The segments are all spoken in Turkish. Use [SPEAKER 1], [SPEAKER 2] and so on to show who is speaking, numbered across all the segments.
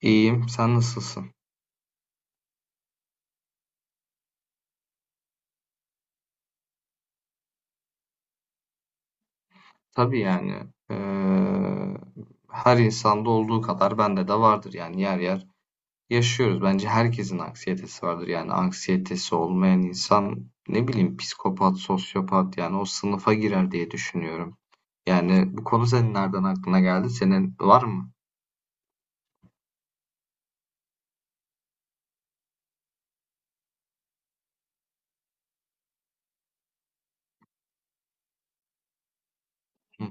[SPEAKER 1] İyiyim, sen nasılsın? Tabii yani eee, her insanda olduğu kadar bende de vardır yani yer yer yaşıyoruz. Bence herkesin anksiyetesi vardır yani anksiyetesi olmayan insan ne bileyim psikopat, sosyopat yani o sınıfa girer diye düşünüyorum. Yani bu konu senin nereden aklına geldi? Senin var mı? Hı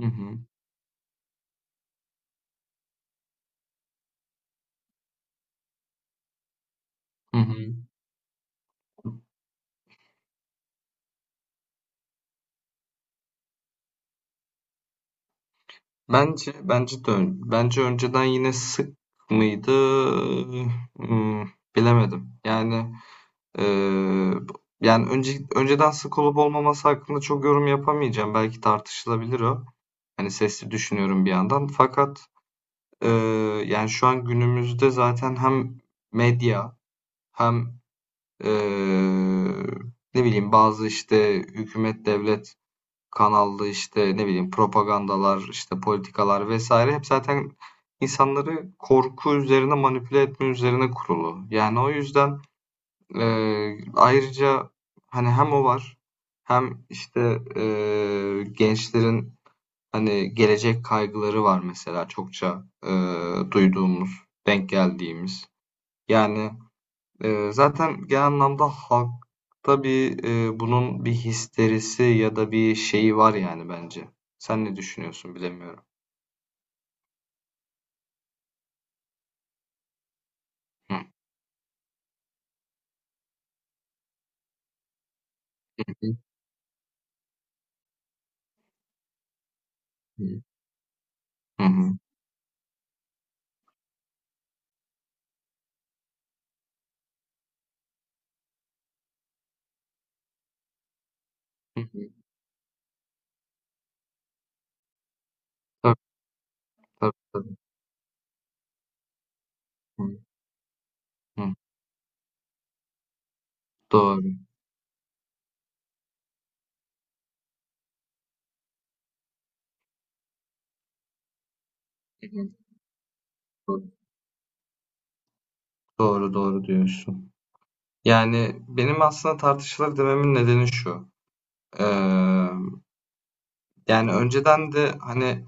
[SPEAKER 1] hı hı. Hı hı. Bence de ön- bence önceden yine sık mıydı? Hmm, bilemedim. Eee, Yani önceden sık olup olmaması hakkında çok yorum yapamayacağım. Belki tartışılabilir o. Hani sesli düşünüyorum bir yandan. Fakat eee, yani şu an günümüzde zaten hem medya hem eee, ne bileyim bazı işte hükümet devlet kanallı işte ne bileyim propagandalar işte politikalar vesaire hep zaten insanları korku üzerine manipüle etme üzerine kurulu. Yani o yüzden ayrıca hani hem o var hem işte, gençlerin, hani, gelecek kaygıları var mesela çokça, duyduğumuz, denk geldiğimiz. Yani, zaten genel anlamda halkta bir, bunun bir histerisi ya da bir şeyi var yani bence. Sen ne düşünüyorsun bilemiyorum. Hı hı. Hı hı. Hı hı. Hı. Tabii, tabii, tabii. Hı hı. Doğru. Hı hı. Doğru. Doğru, doğru diyorsun. Yani, benim aslında tartışılır dememin nedeni şu: Emm, yani, önceden de, hani,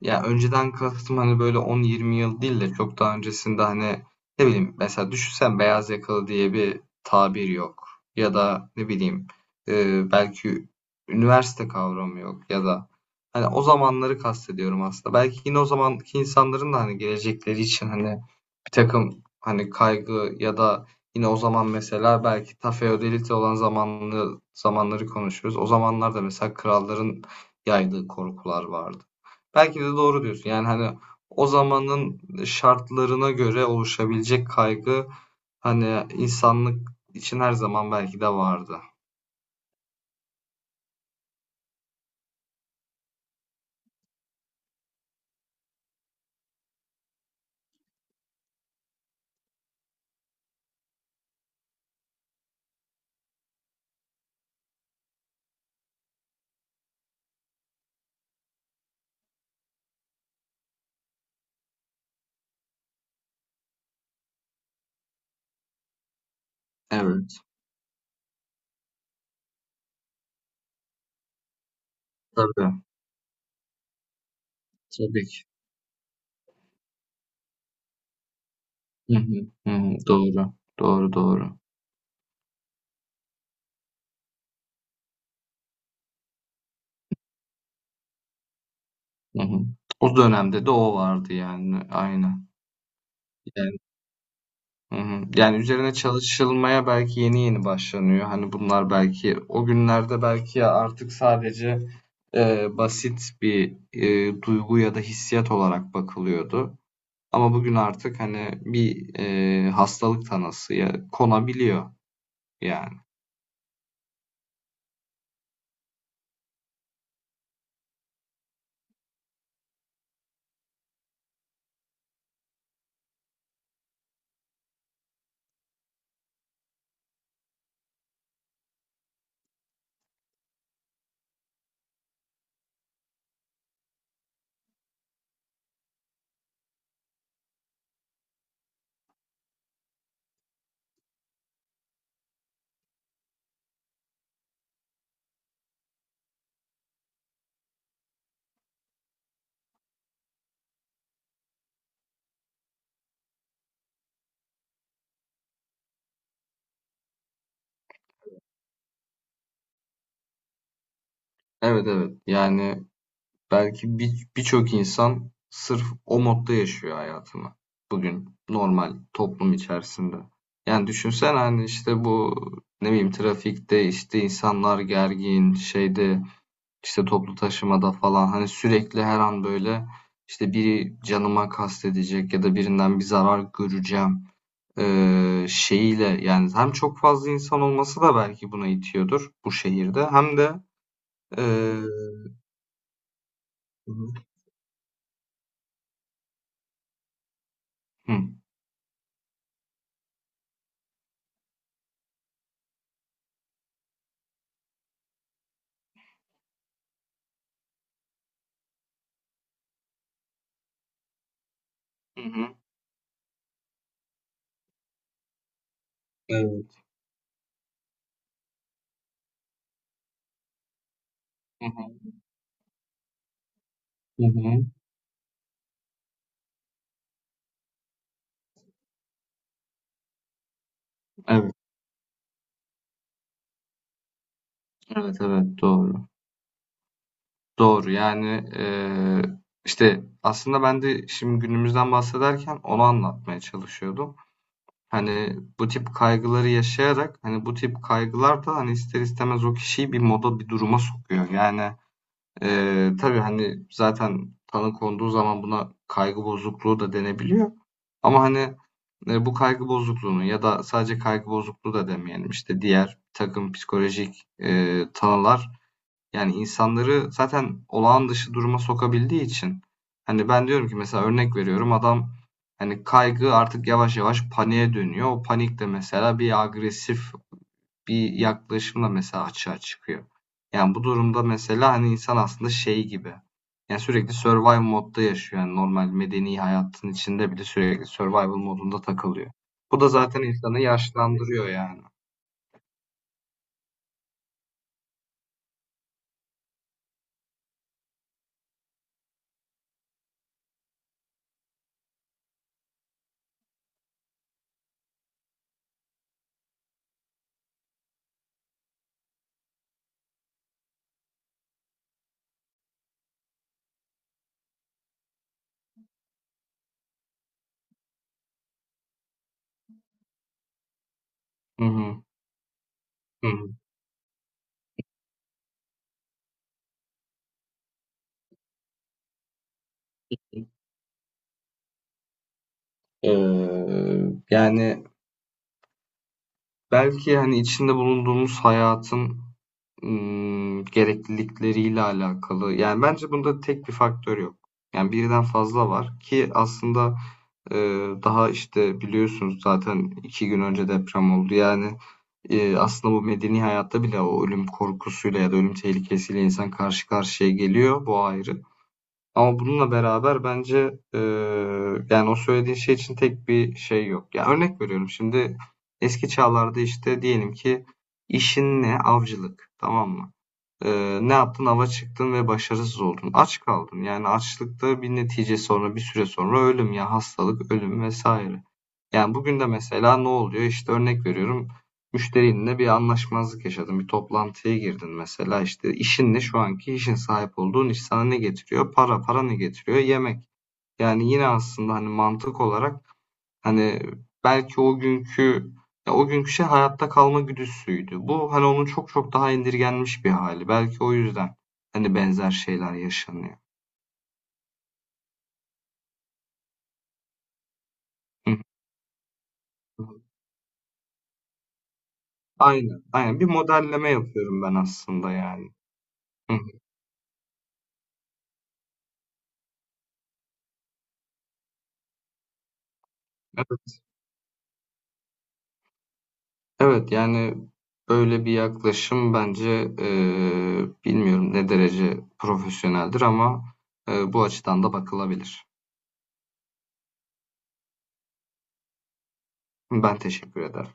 [SPEAKER 1] ya önceden kastım hani böyle 10-20 yıl değil de çok daha öncesinde hani ne bileyim mesela düşünsen beyaz yakalı diye bir tabir yok. Ya da ne bileyim e, belki üniversite kavramı yok ya da hani o zamanları kastediyorum aslında. Belki yine o zamanki insanların da hani gelecekleri için hani bir takım hani kaygı ya da yine o zaman mesela belki ta feodalite olan zamanları konuşuyoruz. O zamanlarda mesela kralların yaydığı korkular vardı. Belki de doğru diyorsun. Yani hani o zamanın şartlarına göre oluşabilecek kaygı hani insanlık için her zaman belki de vardı. Evet. Tabii. Tabii ki. Hı hı. Hı hı. Doğru. Doğru doğru. Hı hı. O dönemde de o vardı yani. Aynen. Yani Hı hı. Yani üzerine çalışılmaya belki yeni yeni başlanıyor. Hani bunlar belki o günlerde belki artık sadece e, basit bir e, duygu ya da hissiyat olarak bakılıyordu. Ama bugün artık hani bir e, hastalık tanısı ya konabiliyor yani. Evet evet. Yani Belki birçok insan sırf o modda yaşıyor hayatını bugün normal toplum içerisinde. Yani düşünsen hani işte bu ne bileyim trafikte işte insanlar gergin şeyde işte toplu taşımada falan hani sürekli her an böyle işte biri canıma kastedecek ya da birinden bir zarar göreceğim şeyiyle yani hem çok fazla insan olması da belki buna itiyordur bu şehirde hem de eee, hı hı. Hı. Evet. Hı hı. Evet, evet, evet. Doğru. Doğru. Yani, işte, aslında ben de şimdi günümüzden bahsederken onu anlatmaya çalışıyordum. Hani, bu tip kaygıları yaşayarak, hani, bu tip kaygılar da, hani, ister istemez o kişiyi bir moda, bir duruma sokuyor. Yani, tabii, hani, zaten tanı konduğu zaman buna kaygı bozukluğu da denebiliyor ama, hani, bu kaygı bozukluğunu ya da sadece kaygı bozukluğu da demeyelim, işte, diğer bir takım psikolojik, tanılar. Yani insanları zaten olağan dışı duruma sokabildiği için hani ben diyorum ki mesela örnek veriyorum adam hani kaygı artık yavaş yavaş paniğe dönüyor. O panik de mesela bir agresif bir yaklaşımla mesela açığa çıkıyor. Yani bu durumda mesela hani insan aslında şey gibi. Yani sürekli survival modda yaşıyor. Yani normal medeni hayatın içinde bile sürekli survival modunda takılıyor. Bu da zaten insanı yaşlandırıyor yani. Hı hı. Hı hı. Ee, yani belki, hani, içinde bulunduğumuz hayatın, gereklilikleriyle alakalı. Yani, bence bunda tek bir faktör yok. Yani, birden fazla var ki aslında, daha, işte, biliyorsunuz zaten 2 gün önce deprem oldu. Yani, aslında bu medeni hayatta bile o ölüm korkusuyla ya da ölüm tehlikesiyle insan karşı karşıya geliyor. Bu ayrı. Ama bununla beraber bence e, yani o söylediğin şey için tek bir şey yok. Ya örnek veriyorum şimdi eski çağlarda işte diyelim ki işin ne? Avcılık. Tamam mı? Ne yaptın? Ava çıktın ve başarısız oldun. Aç kaldın. Yani açlıkta bir netice sonra bir süre sonra ölüm ya hastalık, ölüm vesaire. Yani bugün de mesela ne oluyor? İşte örnek veriyorum. Müşterinle bir anlaşmazlık yaşadın. Bir toplantıya girdin mesela. İşte şu anki işin sahip olduğun iş sana ne getiriyor? Para. Para ne getiriyor? Yemek. Yani yine aslında hani mantık olarak hani belki o günkü şey hayatta kalma güdüsüydü. Bu hani onun çok çok daha indirgenmiş bir hali. Belki o yüzden hani benzer şeyler yaşanıyor. Hı hı. Aynen, aynen. Bir modelleme yapıyorum ben aslında yani. Hı hı. Evet. Evet yani böyle bir yaklaşım bence bilmiyorum ne derece profesyoneldir ama bu açıdan da bakılabilir. Ben teşekkür ederim.